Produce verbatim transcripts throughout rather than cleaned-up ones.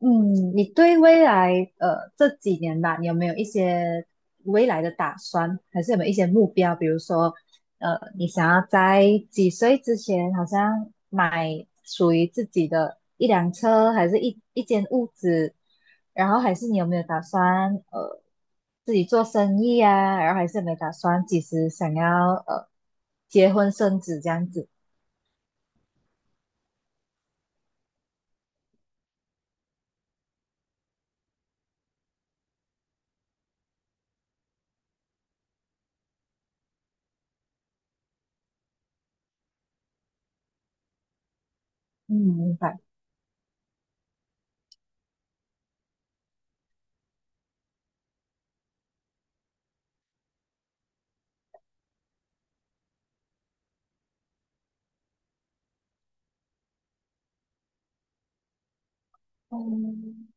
嗯，你对未来呃这几年吧，你有没有一些未来的打算，还是有没有一些目标？比如说，呃，你想要在几岁之前，好像买属于自己的一辆车，还是一一间屋子？然后还是你有没有打算呃自己做生意啊？然后还是有没有打算几时想要呃结婚生子这样子？嗯，明白。嗯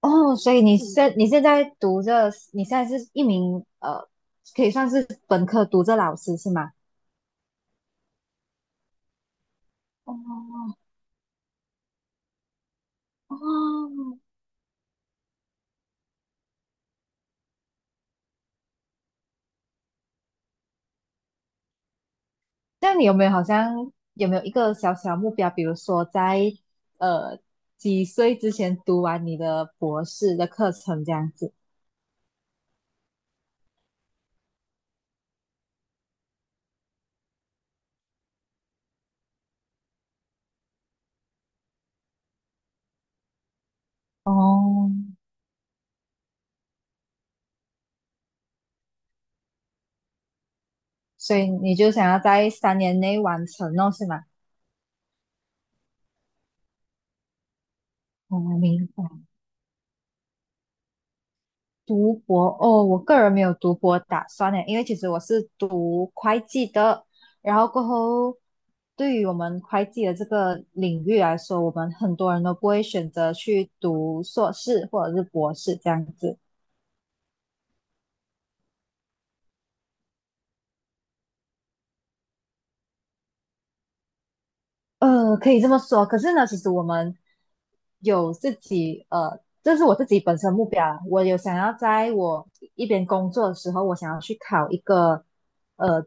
哦，所以你嗯现你现在读着，你现在是一名呃，可以算是本科读着老师是吗？哦哦，那你有没有好像有没有一个小小目标，比如说在呃几岁之前读完你的博士的课程这样子？哦，所以你就想要在三年内完成哦，是吗？哦，明白。读博哦，我个人没有读博打算呢，因为其实我是读会计的，然后过后，对于我们会计的这个领域来说，我们很多人都不会选择去读硕士或者是博士这样子。呃，可以这么说。可是呢，其实我们有自己，呃，这是我自己本身目标啊我有想要在我一边工作的时候，我想要去考一个，呃，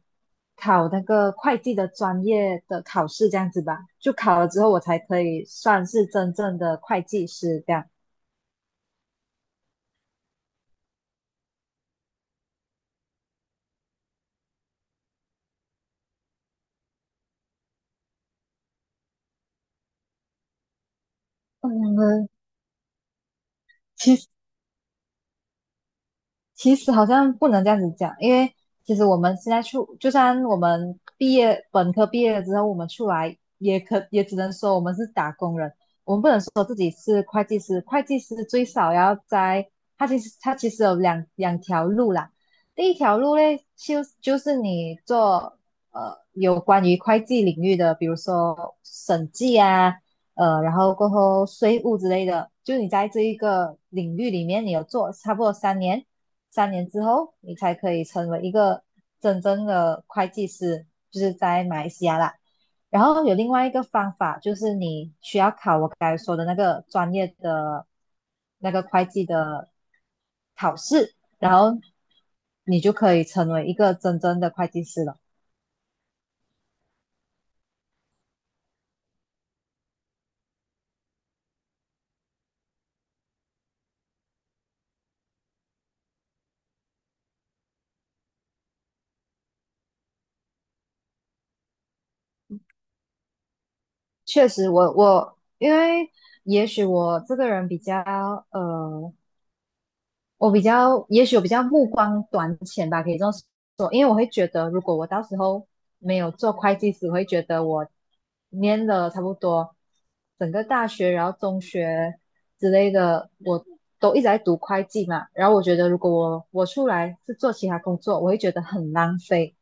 考那个会计的专业的考试，这样子吧。就考了之后，我才可以算是真正的会计师这样。嗯，其实。其实好像不能这样子讲，因为其实我们现在出，就算我们毕业本科毕业了之后，我们出来也可也只能说我们是打工人，我们不能说自己是会计师。会计师最少要在，他其实他其实有两两条路啦。第一条路嘞，就就是你做呃有关于会计领域的，比如说审计啊，呃，然后过后税务之类的，就你在这一个领域里面，你有做差不多三年，三年之后你才可以成为一个真正的会计师，就是在马来西亚啦。然后有另外一个方法，就是你需要考我刚才说的那个专业的那个会计的考试，然后你就可以成为一个真正的会计师了。确实我，我因为也许我这个人比较呃，我比较也许我比较目光短浅吧，可以这么说。因为我会觉得，如果我到时候没有做会计只会觉得我念了差不多整个大学，然后中学之类的，我都一直在读会计嘛。然后我觉得，如果我我出来是做其他工作，我会觉得很浪费。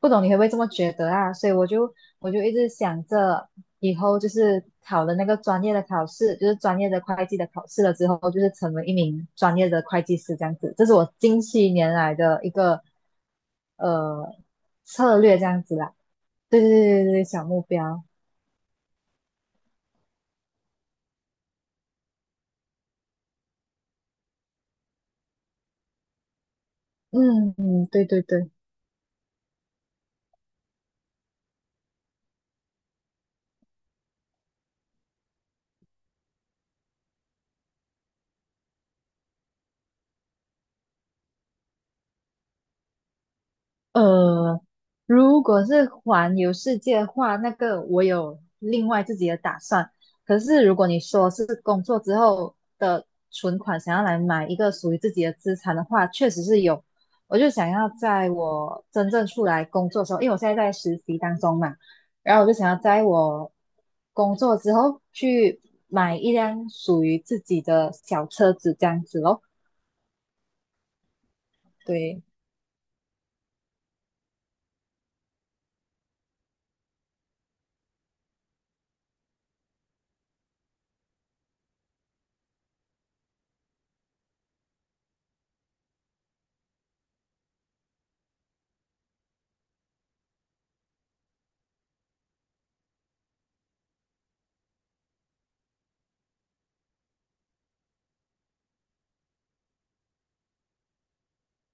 不懂你会不会这么觉得啊？所以我就我就一直想着，以后就是考了那个专业的考试，就是专业的会计的考试了之后，就是成为一名专业的会计师这样子。这是我近些年来的一个呃策略这样子啦。对对对对对，小目标。嗯嗯，对对对。呃，如果是环游世界的话，那个我有另外自己的打算。可是如果你说是工作之后的存款，想要来买一个属于自己的资产的话，确实是有。我就想要在我真正出来工作的时候，因为我现在在实习当中嘛，然后我就想要在我工作之后去买一辆属于自己的小车子，这样子咯，对，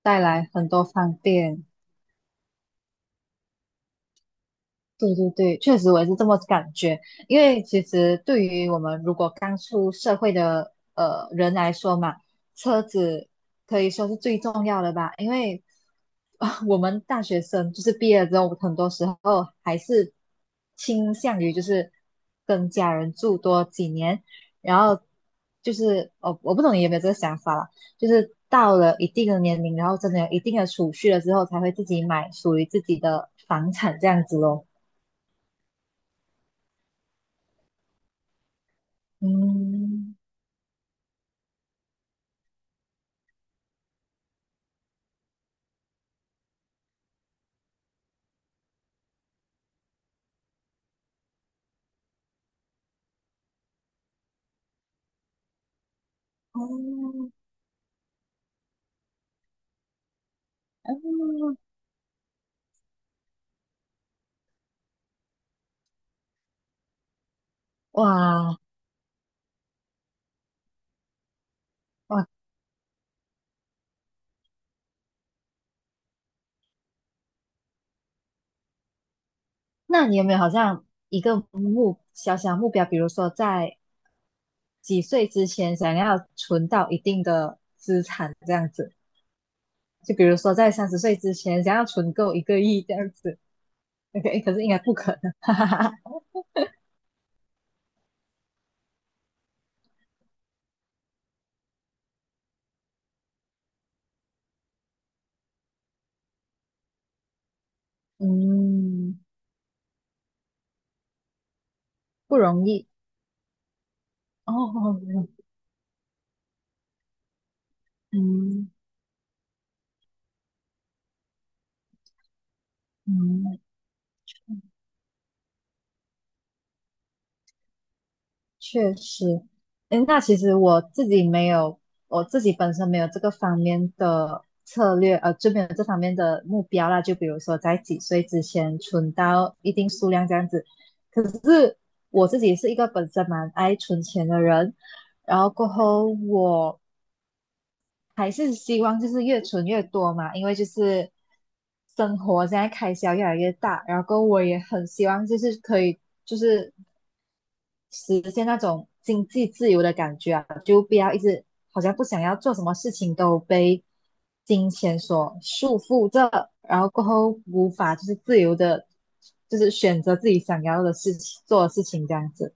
带来很多方便。对对对，确实我也是这么感觉。因为其实对于我们如果刚出社会的呃人来说嘛，车子可以说是最重要的吧。因为啊 我们大学生就是毕业了之后，很多时候还是倾向于就是跟家人住多几年，然后就是哦，我不懂你有没有这个想法啦，就是到了一定的年龄，然后真的有一定的储蓄了之后，才会自己买属于自己的房产这样子咯。嗯，哦哇哇，那你有没有好像一个目小小目标，比如说在几岁之前想要存到一定的资产这样子？就比如说在三十岁之前想要存够一个亿这样子，OK，可是应该不可能，哈哈哈，嗯，不容易哦，嗯嗯。嗯确实，诶，那其实我自己没有，我自己本身没有这个方面的策略，呃，就没有这方面的目标啦。就比如说在几岁之前存到一定数量这样子。可是我自己是一个本身蛮爱存钱的人，然后过后我还是希望就是越存越多嘛，因为就是生活现在开销越来越大，然后过后我也很希望就是可以就是。实现那种经济自由的感觉啊，就不要一直好像不想要做什么事情都被金钱所束缚着，然后过后无法就是自由的，就是选择自己想要的事情做的事情这样子。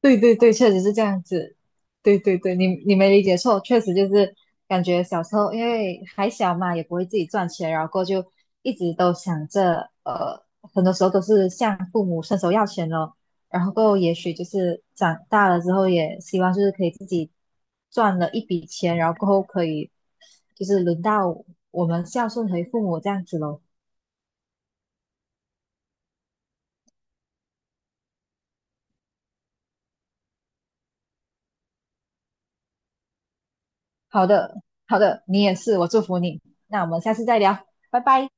对对对，确实是这样子。对对对，你你没理解错，确实就是感觉小时候因为还小嘛，也不会自己赚钱，然后过后就一直都想着，呃，很多时候都是向父母伸手要钱咯。然后过后也许就是长大了之后，也希望就是可以自己赚了一笔钱，然后过后可以就是轮到我们孝顺回父母这样子咯。好的，好的，你也是，我祝福你。那我们下次再聊，拜拜。